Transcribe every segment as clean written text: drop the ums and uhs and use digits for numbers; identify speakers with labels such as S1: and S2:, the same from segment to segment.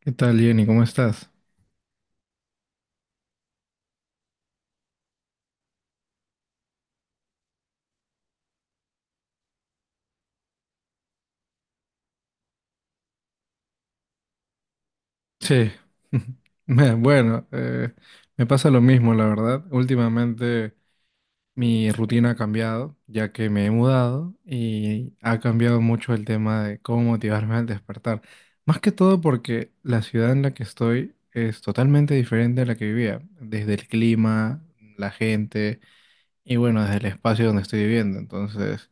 S1: ¿Qué tal, Jenny? ¿Cómo estás? Sí. Bueno, me pasa lo mismo, la verdad. Últimamente mi rutina ha cambiado, ya que me he mudado y ha cambiado mucho el tema de cómo motivarme al despertar. Más que todo porque la ciudad en la que estoy es totalmente diferente a la que vivía, desde el clima, la gente y bueno, desde el espacio donde estoy viviendo. Entonces,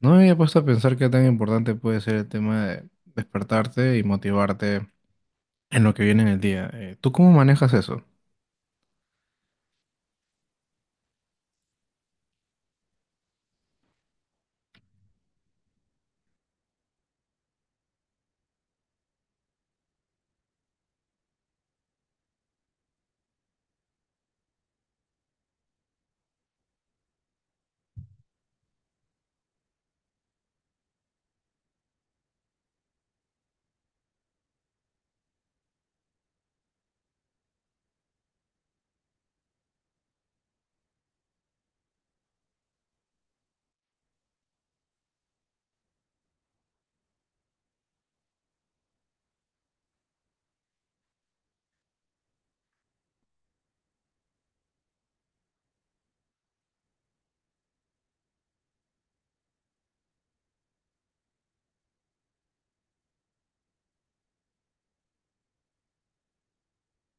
S1: no me había puesto a pensar qué tan importante puede ser el tema de despertarte y motivarte en lo que viene en el día. ¿Tú cómo manejas eso?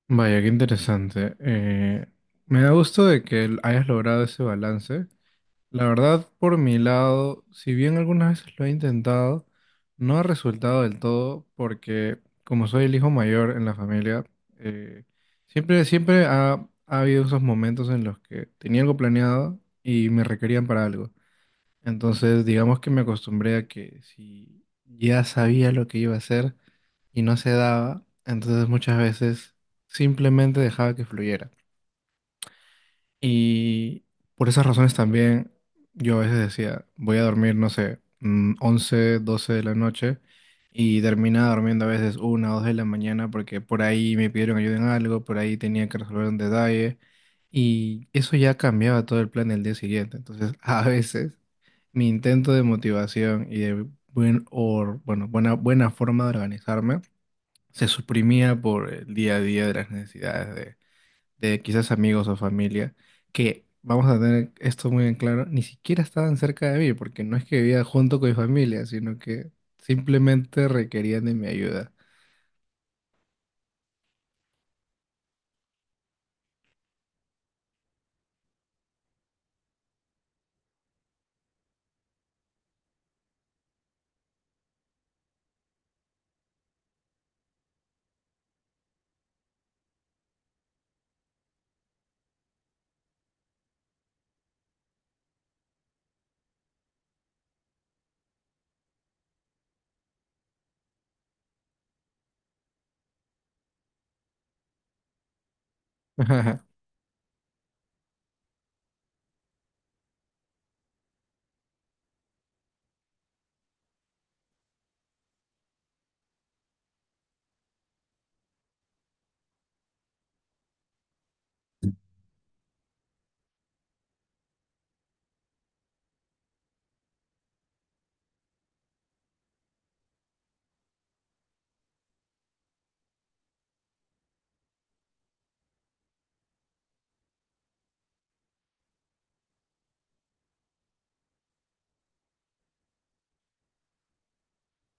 S1: Vaya, qué interesante. Me da gusto de que hayas logrado ese balance. La verdad, por mi lado, si bien algunas veces lo he intentado, no ha resultado del todo porque como soy el hijo mayor en la familia, eh, siempre ha habido esos momentos en los que tenía algo planeado y me requerían para algo. Entonces, digamos que me acostumbré a que si ya sabía lo que iba a hacer y no se daba, entonces muchas veces simplemente dejaba que fluyera. Y por esas razones también yo a veces decía, voy a dormir, no sé, 11, 12 de la noche y terminaba durmiendo a veces una o 2 de la mañana porque por ahí me pidieron ayuda en algo, por ahí tenía que resolver un detalle y eso ya cambiaba todo el plan del día siguiente. Entonces, a veces, mi intento de motivación y de bueno, buena forma de organizarme se suprimía por el día a día de las necesidades de quizás amigos o familia, que vamos a tener esto muy en claro, ni siquiera estaban cerca de mí, porque no es que vivía junto con mi familia, sino que simplemente requerían de mi ayuda. Ajá.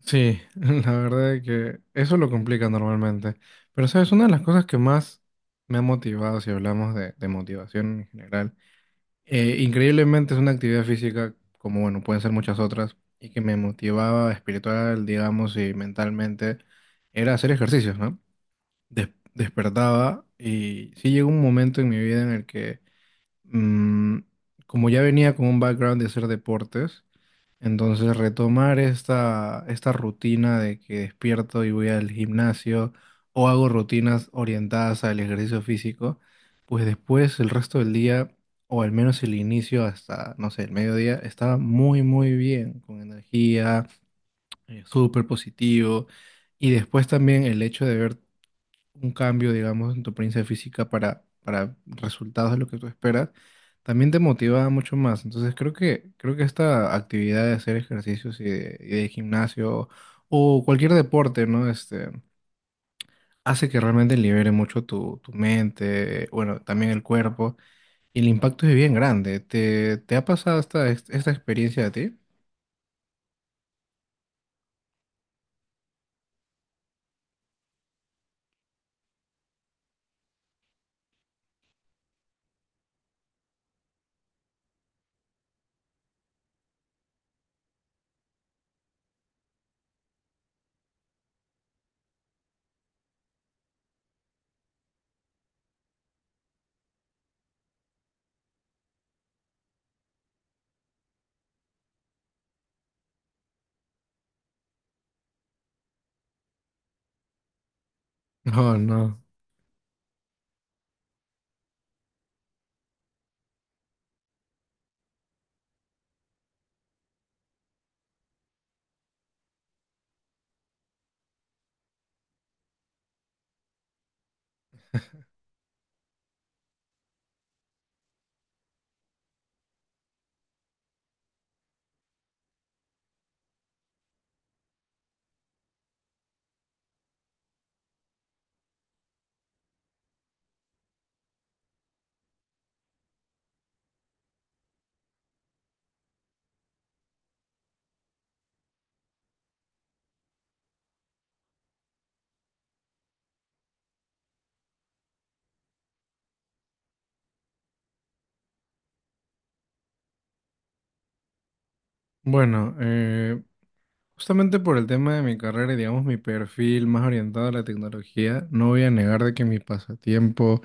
S1: Sí, la verdad es que eso lo complica normalmente. Pero sabes, una de las cosas que más me ha motivado, si hablamos de motivación en general, increíblemente es una actividad física, como bueno, pueden ser muchas otras, y que me motivaba espiritual, digamos, y mentalmente, era hacer ejercicios, ¿no? Des- Despertaba y sí llegó un momento en mi vida en el que, mm, como ya venía con un background de hacer deportes, entonces, retomar esta rutina de que despierto y voy al gimnasio o hago rutinas orientadas al ejercicio físico, pues después el resto del día, o al menos el inicio hasta, no sé, el mediodía, estaba muy, muy bien, con energía, súper positivo. Y después también el hecho de ver un cambio, digamos, en tu apariencia física para resultados de lo que tú esperas, también te motiva mucho más. Entonces creo que esta actividad de hacer ejercicios y de gimnasio o cualquier deporte, ¿no? Hace que realmente libere mucho tu mente, bueno, también el cuerpo, y el impacto es bien grande. ¿Te ha pasado esta experiencia a ti? No, no. Bueno, justamente por el tema de mi carrera y digamos mi perfil más orientado a la tecnología, no voy a negar de que mi pasatiempo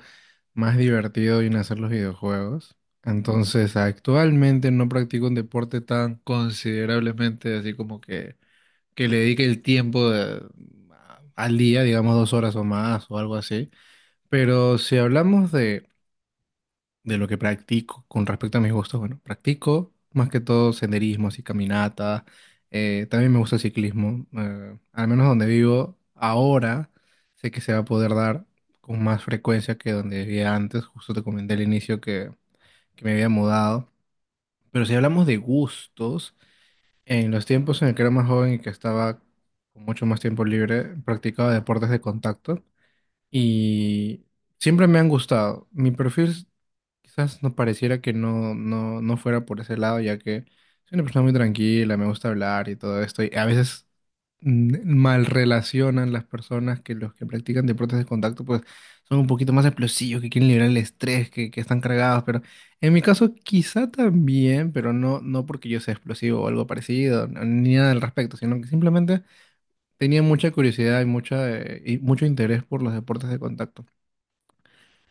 S1: más divertido viene a ser los videojuegos. Entonces, actualmente no practico un deporte tan considerablemente así como que le dedique el tiempo al día, digamos 2 horas o más o algo así. Pero si hablamos de lo que practico con respecto a mis gustos, bueno, practico más que todo senderismo, así caminata, también me gusta el ciclismo, al menos donde vivo ahora sé que se va a poder dar con más frecuencia que donde vivía antes, justo te comenté al inicio que me había mudado, pero si hablamos de gustos, en los tiempos en el que era más joven y que estaba con mucho más tiempo libre, practicaba deportes de contacto y siempre me han gustado. Mi perfil quizás no pareciera que no fuera por ese lado, ya que soy una persona muy tranquila, me gusta hablar y todo esto, y a veces mal relacionan las personas que los que practican deportes de contacto, pues son un poquito más explosivos, que quieren liberar el estrés, que están cargados, pero en mi caso quizá también, pero no porque yo sea explosivo o algo parecido, ni nada al respecto, sino que simplemente. Tenía mucha curiosidad y mucho interés por los deportes de contacto.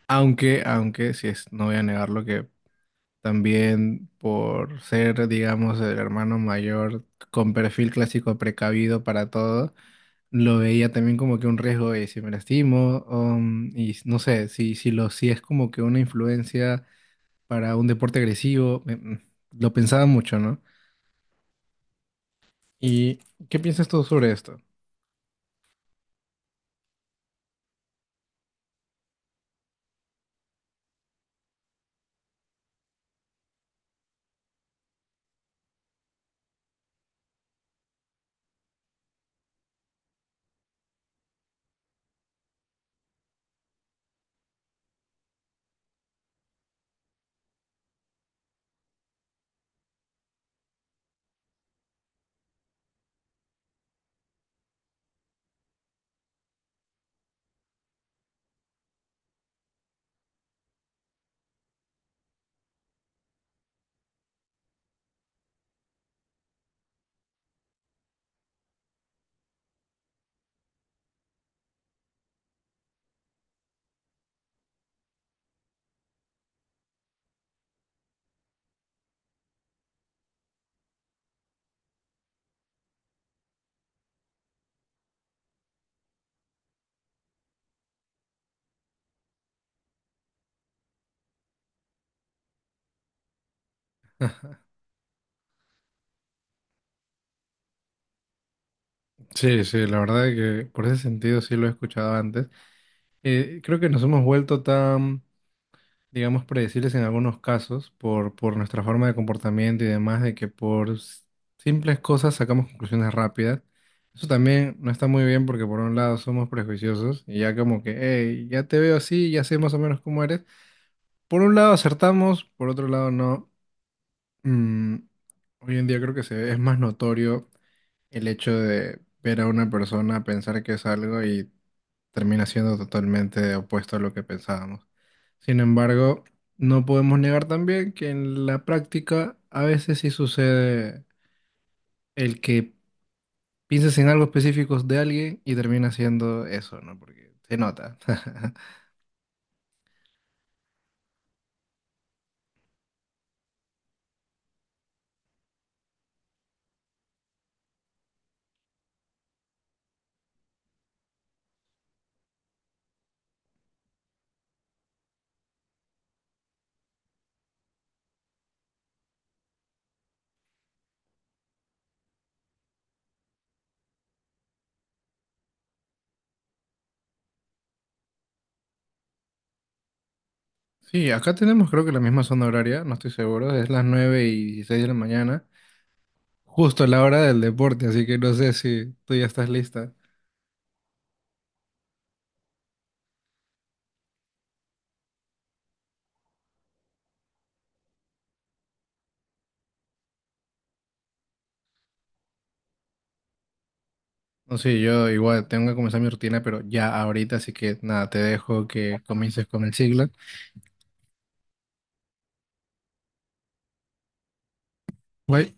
S1: Aunque, si es, no voy a negarlo, que también por ser, digamos, el hermano mayor con perfil clásico precavido para todo, lo veía también como que un riesgo y si me lastimo, y no sé, si es como que una influencia para un deporte agresivo, lo pensaba mucho, ¿no? ¿Y qué piensas tú sobre esto? Sí, sí, la verdad es que por ese sentido sí lo he escuchado antes. Creo que nos hemos vuelto tan, digamos, predecibles en algunos casos por nuestra forma de comportamiento y demás, de que por simples cosas sacamos conclusiones rápidas. Eso también no está muy bien porque por un lado somos prejuiciosos y ya como que, hey, ya te veo así, ya sé más o menos cómo eres. Por un lado acertamos, por otro lado no. Mm, Hoy en día creo que es más notorio el hecho de ver a una persona, pensar que es algo y termina siendo totalmente opuesto a lo que pensábamos. Sin embargo, no podemos negar también que en la práctica a veces sí sucede el que pienses en algo específico de alguien y termina siendo eso, ¿no? Porque se nota. Sí, acá tenemos creo que la misma zona horaria, no estoy seguro, es las 9 y 16 de la mañana, justo a la hora del deporte, así que no sé si tú ya estás lista. No sé, yo igual tengo que comenzar mi rutina, pero ya ahorita, así que nada, te dejo que comiences con el siglo. Güey.